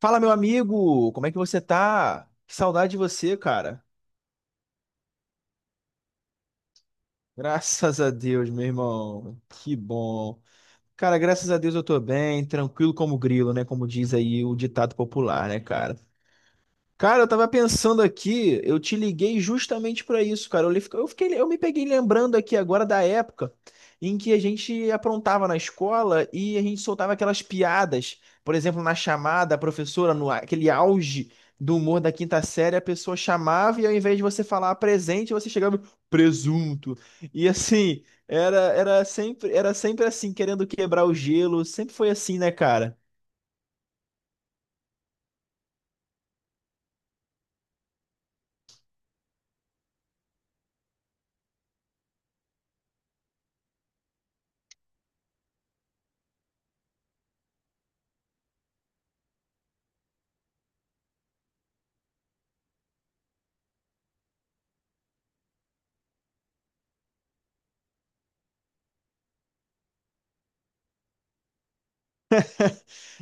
Fala, meu amigo! Como é que você tá? Que saudade de você, cara. Graças a Deus, meu irmão. Que bom. Cara, graças a Deus eu tô bem, tranquilo como grilo, né? Como diz aí o ditado popular, né, cara? Cara, eu tava pensando aqui, eu te liguei justamente pra isso, cara. Eu, li- eu fiquei, eu me peguei lembrando aqui agora da época em que a gente aprontava na escola e a gente soltava aquelas piadas. Por exemplo, na chamada, a professora, no aquele auge do humor da quinta série, a pessoa chamava e ao invés de você falar presente, você chegava presunto. E assim, era sempre assim, querendo quebrar o gelo. Sempre foi assim, né, cara?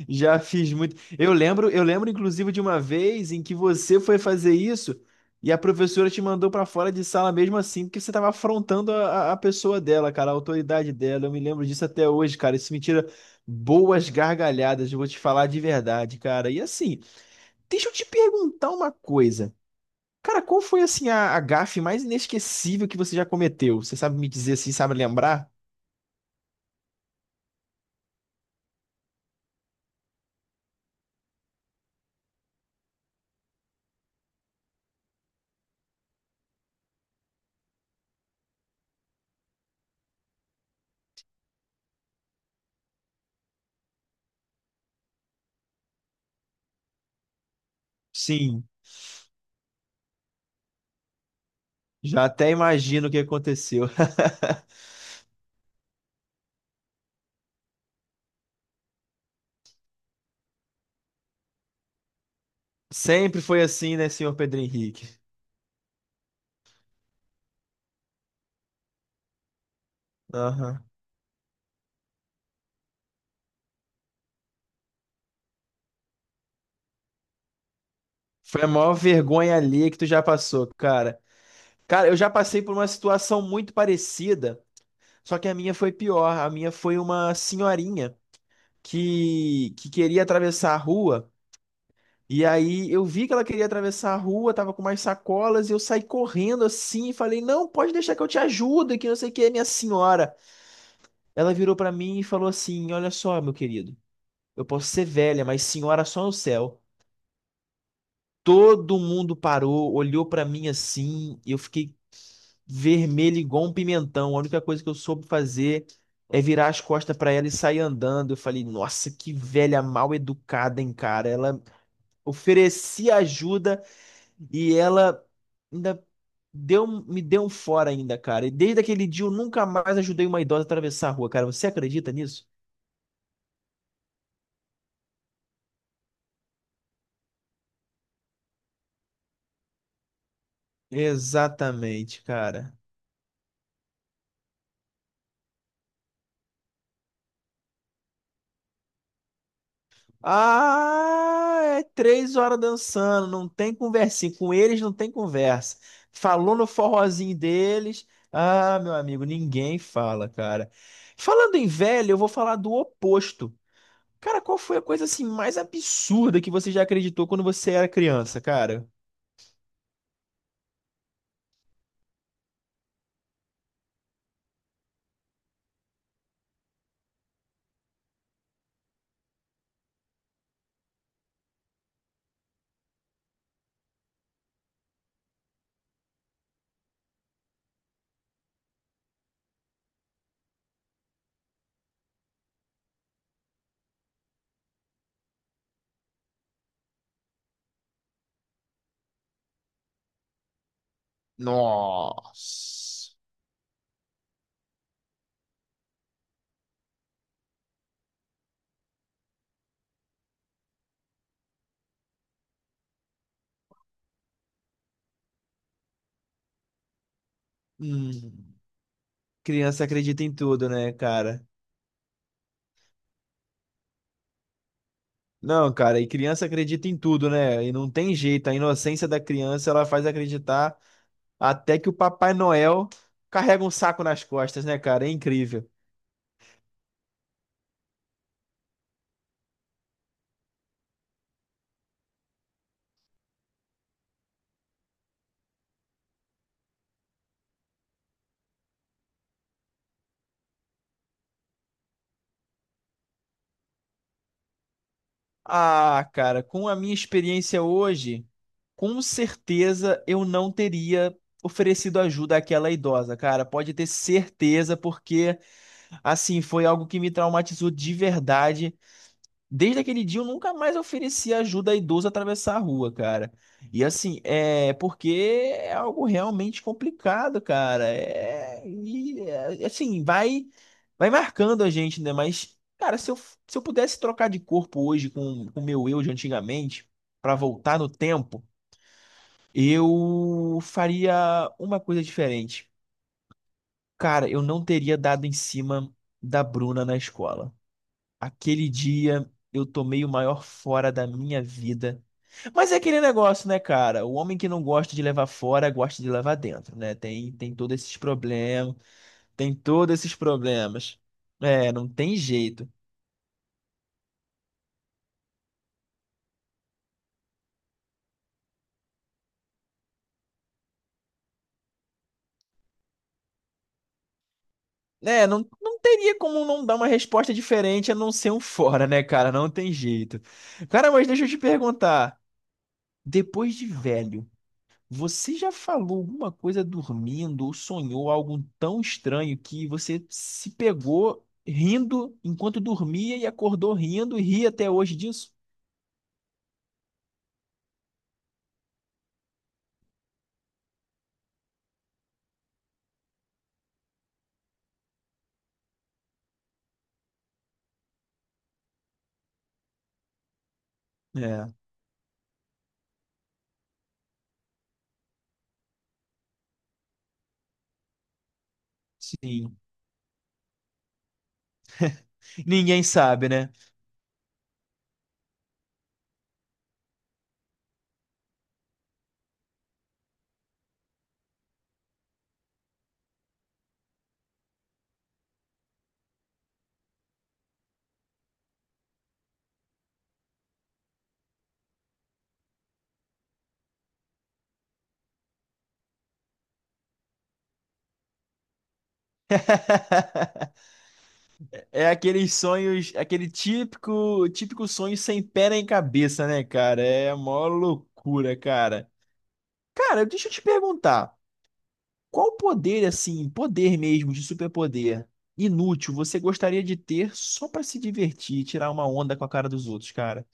Já fiz muito. Eu lembro inclusive de uma vez em que você foi fazer isso e a professora te mandou pra fora de sala mesmo assim, porque você tava afrontando a pessoa dela, cara, a autoridade dela. Eu me lembro disso até hoje, cara. Isso me tira boas gargalhadas, eu vou te falar de verdade, cara. E assim, deixa eu te perguntar uma coisa. Cara, qual foi assim a gafe mais inesquecível que você já cometeu? Você sabe me dizer assim, sabe lembrar? Sim, já até imagino o que aconteceu. Sempre foi assim, né, senhor Pedro Henrique? Aham. Foi a maior vergonha ali que tu já passou, cara. Cara, eu já passei por uma situação muito parecida, só que a minha foi pior. A minha foi uma senhorinha que queria atravessar a rua. E aí eu vi que ela queria atravessar a rua, tava com umas sacolas, e eu saí correndo assim e falei: Não, pode deixar que eu te ajudo, que não sei o que, minha senhora. Ela virou pra mim e falou assim: Olha só, meu querido, eu posso ser velha, mas senhora só no céu. Todo mundo parou, olhou pra mim assim, eu fiquei vermelho igual um pimentão. A única coisa que eu soube fazer é virar as costas pra ela e sair andando. Eu falei, nossa, que velha mal educada, hein, cara. Ela oferecia ajuda e ela ainda me deu um fora ainda, cara. E desde aquele dia eu nunca mais ajudei uma idosa a atravessar a rua, cara. Você acredita nisso? Exatamente, cara. Ah, é 3 horas dançando, não tem conversinha. Com eles não tem conversa. Falou no forrozinho deles. Ah, meu amigo, ninguém fala, cara. Falando em velho, eu vou falar do oposto. Cara, qual foi a coisa assim mais absurda que você já acreditou quando você era criança, cara? Nossa. Hum, criança acredita em tudo, né, cara? Não, cara, e criança acredita em tudo, né? E não tem jeito, a inocência da criança ela faz acreditar até que o Papai Noel carrega um saco nas costas, né, cara? É incrível. Ah, cara, com a minha experiência hoje, com certeza eu não teria oferecido ajuda àquela idosa, cara. Pode ter certeza, porque assim foi algo que me traumatizou de verdade. Desde aquele dia eu nunca mais ofereci ajuda a idoso a atravessar a rua, cara. E assim, é porque é algo realmente complicado, cara. Assim, vai marcando a gente, né? Mas, cara, se eu pudesse trocar de corpo hoje com o meu eu de antigamente, pra voltar no tempo, eu faria uma coisa diferente. Cara, eu não teria dado em cima da Bruna na escola. Aquele dia eu tomei o maior fora da minha vida. Mas é aquele negócio, né, cara? O homem que não gosta de levar fora, gosta de levar dentro, né? Tem todos esses problemas, tem todos esses problemas. É, não tem jeito. É, não, não teria como não dar uma resposta diferente a não ser um fora, né, cara? Não tem jeito. Cara, mas deixa eu te perguntar. Depois de velho, você já falou alguma coisa dormindo ou sonhou algo tão estranho que você se pegou rindo enquanto dormia e acordou rindo e ri até hoje disso? É, sim. Ninguém sabe, né? É aqueles sonhos, aquele típico, típico sonho sem pé nem cabeça, né, cara? É a maior loucura, cara. Cara, deixa eu te perguntar. Qual poder, assim, poder mesmo, de superpoder, inútil, você gostaria de ter só pra se divertir e tirar uma onda com a cara dos outros, cara?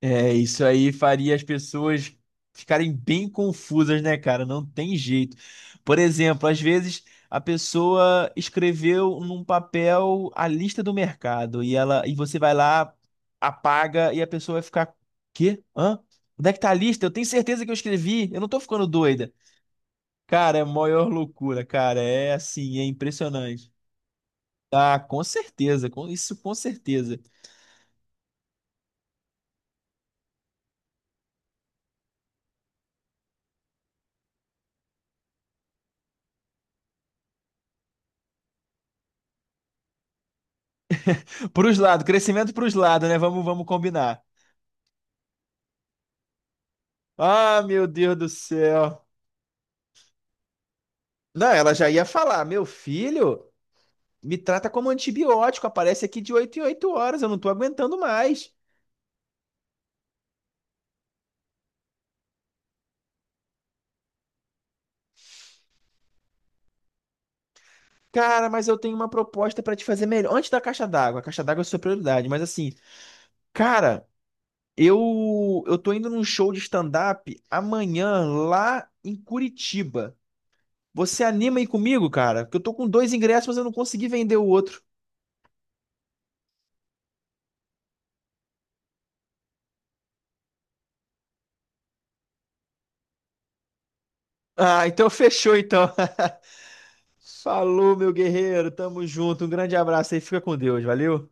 É, isso aí faria as pessoas ficarem bem confusas, né, cara? Não tem jeito. Por exemplo, às vezes a pessoa escreveu num papel a lista do mercado e ela e você vai lá, apaga e a pessoa vai ficar, quê? Hã? Onde é que tá a lista? Eu tenho certeza que eu escrevi. Eu não tô ficando doida. Cara, é a maior loucura, cara. É assim, é impressionante. Ah, com certeza, com isso com certeza. Pros lados, crescimento pros lados, né? Vamos, vamos combinar. Ah, meu Deus do céu. Não, ela já ia falar, meu filho, me trata como antibiótico, aparece aqui de 8 em 8 horas, eu não tô aguentando mais. Cara, mas eu tenho uma proposta pra te fazer melhor. Antes da caixa d'água, a caixa d'água é sua prioridade, mas assim, cara, eu tô indo num show de stand-up amanhã lá em Curitiba. Você anima aí comigo, cara? Porque eu tô com dois ingressos, mas eu não consegui vender o outro. Ah, então fechou então. Falou, meu guerreiro. Tamo junto. Um grande abraço aí. Fica com Deus. Valeu.